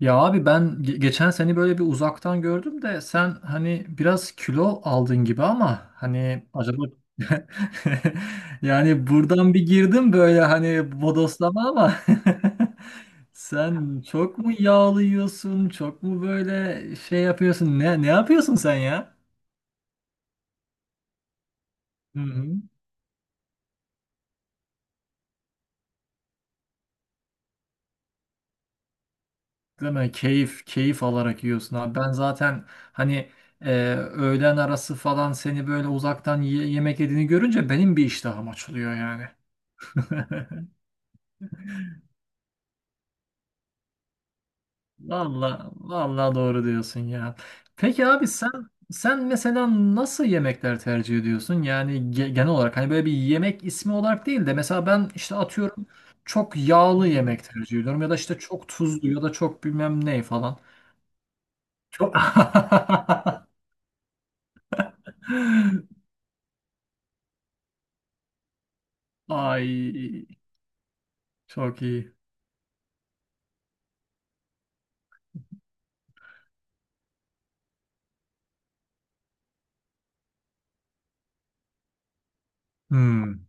Ya abi ben geçen seni böyle bir uzaktan gördüm de sen hani biraz kilo aldın gibi ama hani acaba, yani buradan bir girdim böyle hani bodoslama ama. Sen çok mu yağlı yiyorsun, çok mu böyle şey yapıyorsun, ne ne yapıyorsun sen ya? Hı hı. Değil mi? Keyif keyif alarak yiyorsun abi, ben zaten hani öğlen arası falan seni böyle uzaktan yemek yediğini görünce benim bir iştahım açılıyor yani. Valla valla doğru diyorsun ya. Peki abi sen sen mesela nasıl yemekler tercih ediyorsun? Yani genel olarak hani böyle bir yemek ismi olarak değil de mesela ben işte atıyorum çok yağlı yemek tercih ediyorum ya da işte çok tuzlu ya da çok bilmem ne falan. Çok ay çok iyi. Hmm.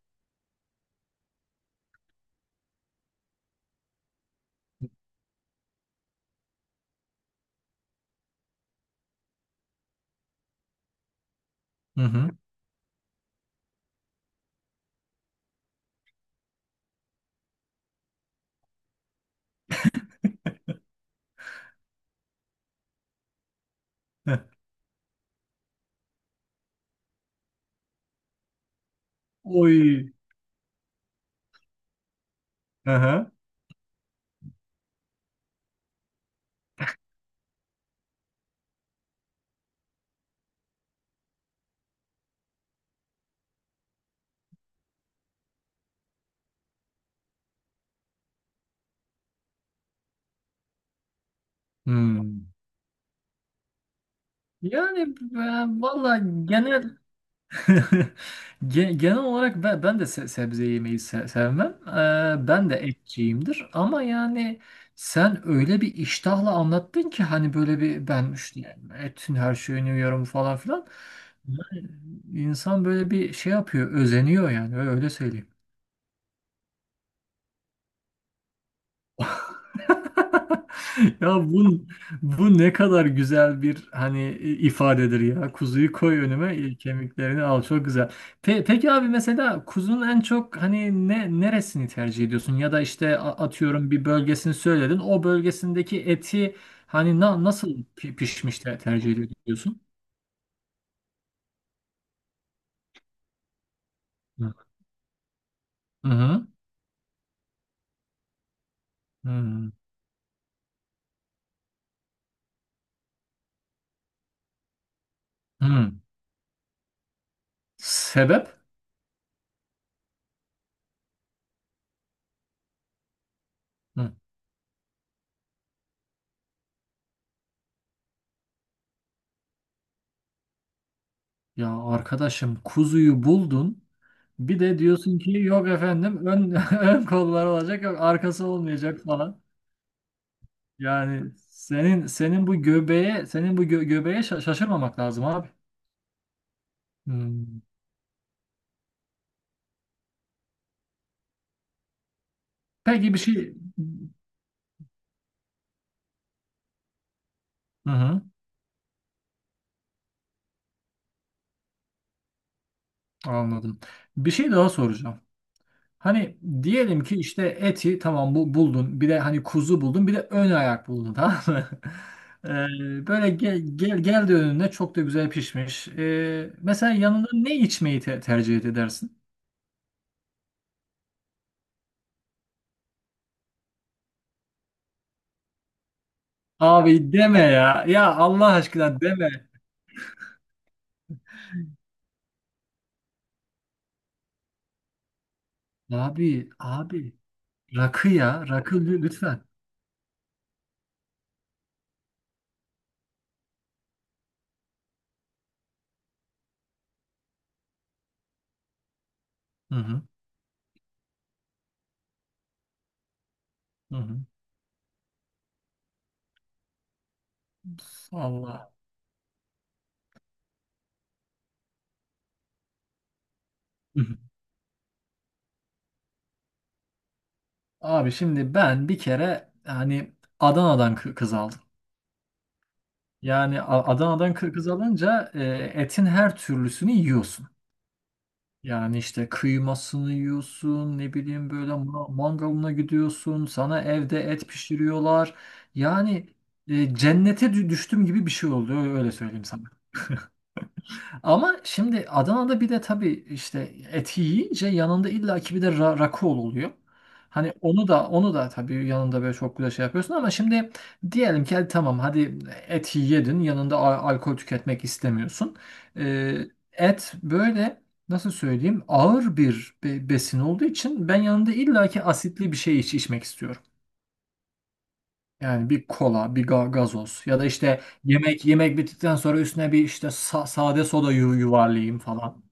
Hı hı. Heh. Oy. Hı hı. Hmm. Yani ben valla genel genel olarak ben de sebze yemeyi sevmem. Ben de etçiyimdir. Ama yani sen öyle bir iştahla anlattın ki hani böyle bir ben işte yani etin her şeyini yiyorum falan filan. Yani İnsan böyle bir şey yapıyor, özeniyor yani öyle söyleyeyim. Ya bu ne kadar güzel bir hani ifadedir ya. Kuzuyu koy önüme, e, kemiklerini al. Çok güzel. Peki abi mesela kuzunun en çok hani ne neresini tercih ediyorsun? Ya da işte atıyorum bir bölgesini söyledin. O bölgesindeki eti hani nasıl pişmiş de tercih ediyorsun? Hı hı. Hı hı. Sebep? Hı. Ya arkadaşım kuzuyu buldun. Bir de diyorsun ki yok efendim ön, ön kollar olacak, yok arkası olmayacak falan. Yani senin senin bu göbeğe senin bu göbeğe şaşırmamak lazım abi. Hmm. Peki bir şey, hı hı, anladım. Bir şey daha soracağım. Hani diyelim ki işte eti tamam bu buldun. Bir de hani kuzu buldun. Bir de ön ayak buldun tamam mı? Böyle gel geldi önüne, çok da güzel pişmiş. Mesela yanında ne içmeyi tercih edersin? Abi deme ya. Ya Allah aşkına deme. Abi, abi. Rakı ya. Rakı lütfen. Hı hı. Hı hı. Allah. Hı hı. Abi şimdi ben bir kere hani Adana'dan kız aldım. Yani Adana'dan kız alınca etin her türlüsünü yiyorsun. Yani işte kıymasını yiyorsun, ne bileyim böyle mangalına gidiyorsun, sana evde et pişiriyorlar. Yani cennete düştüm gibi bir şey oldu, öyle öyle söyleyeyim sana. Ama şimdi Adana'da bir de tabii işte eti yiyince yanında illaki bir de rakı oluyor. Hani onu da onu da tabii yanında böyle çok güzel şey yapıyorsun ama şimdi diyelim ki hadi tamam, hadi eti yedin, yanında alkol tüketmek istemiyorsun. Ee, Et böyle nasıl söyleyeyim, ağır bir besin olduğu için ben yanında illaki asitli bir şey içmek istiyorum. Yani bir kola, bir gazoz ya da işte yemek bittikten sonra üstüne bir işte sade soda yuvarlayayım falan.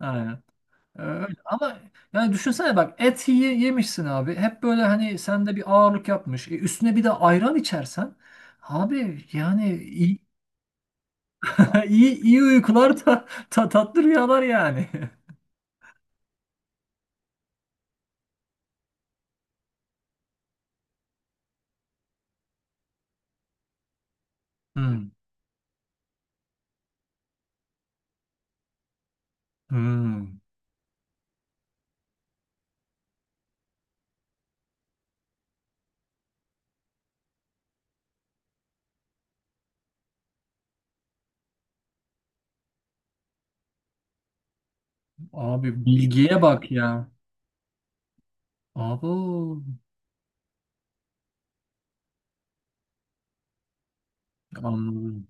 Aynen. Öyle. Ama yani düşünsene bak, et yemişsin abi. Hep böyle hani sende bir ağırlık yapmış. E, üstüne bir de ayran içersen abi yani iyi, iyi uykular, tatlı rüyalar yani. Hmm. Hmm. Abi bilgiye bak ya. Abi anladım.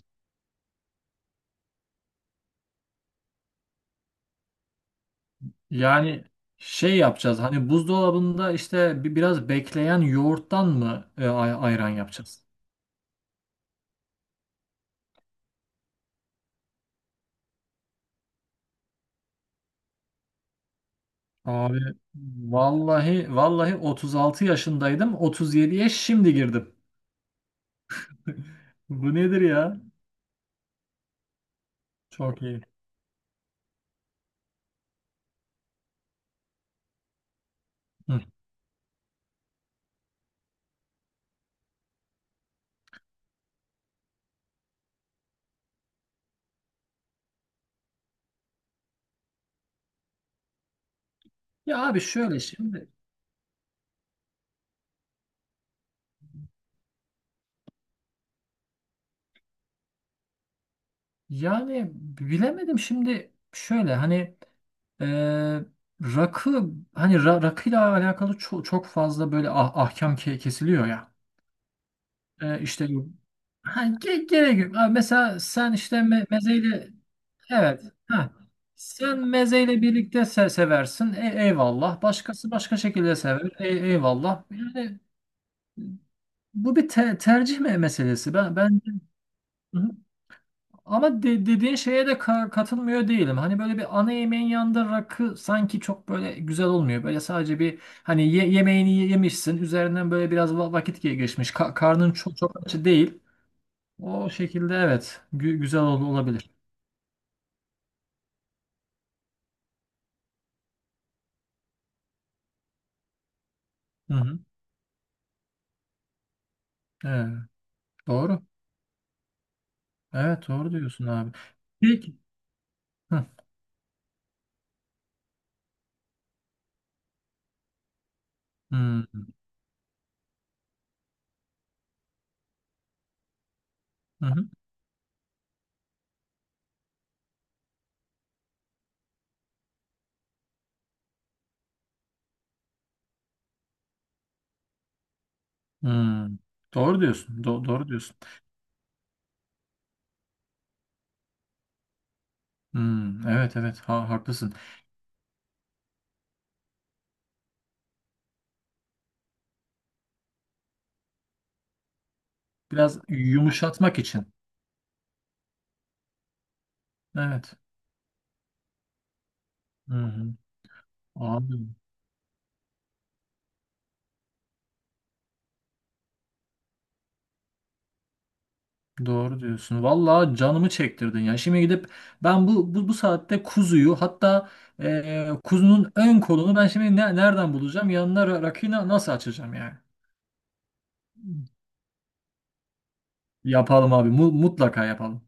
Yani şey yapacağız hani buzdolabında işte biraz bekleyen yoğurttan mı ayran yapacağız? Abi vallahi vallahi 36 yaşındaydım. 37'ye şimdi girdim. Bu nedir ya? Çok iyi. Hı. Ya abi şöyle şimdi yani bilemedim, şimdi şöyle hani e, rakı hani rakıyla alakalı çok fazla böyle ahkam kesiliyor ya. E, işte ha, gerek yok. Abi mesela sen işte mezeyle evet. Ha. Sen mezeyle birlikte seversin. Eyvallah. Başkası başka şekilde sever. Eyvallah. Yani bu bir tercih meselesi. Ben hı hı, ama dediğin şeye de katılmıyor değilim. Hani böyle bir ana yemeğin yanında rakı sanki çok böyle güzel olmuyor. Böyle sadece bir hani yemeğini yemişsin. Üzerinden böyle biraz vakit geçmiş. Karnın çok çok aç değil. O şekilde evet. Güzel olabilir. Hı hı. Evet. Doğru. Evet doğru diyorsun abi. Peki. Hı. Hmm, hı hı, hmm. Doğru diyorsun. Doğru diyorsun. Hmm, evet evet ha, haklısın. Biraz yumuşatmak için. Evet. Hı hı. Abi doğru diyorsun. Vallahi canımı çektirdin ya. Şimdi gidip ben bu saatte kuzuyu hatta kuzunun ön kolunu ben şimdi nereden bulacağım? Yanına rakıyı nasıl açacağım yani? Yapalım abi, mutlaka yapalım.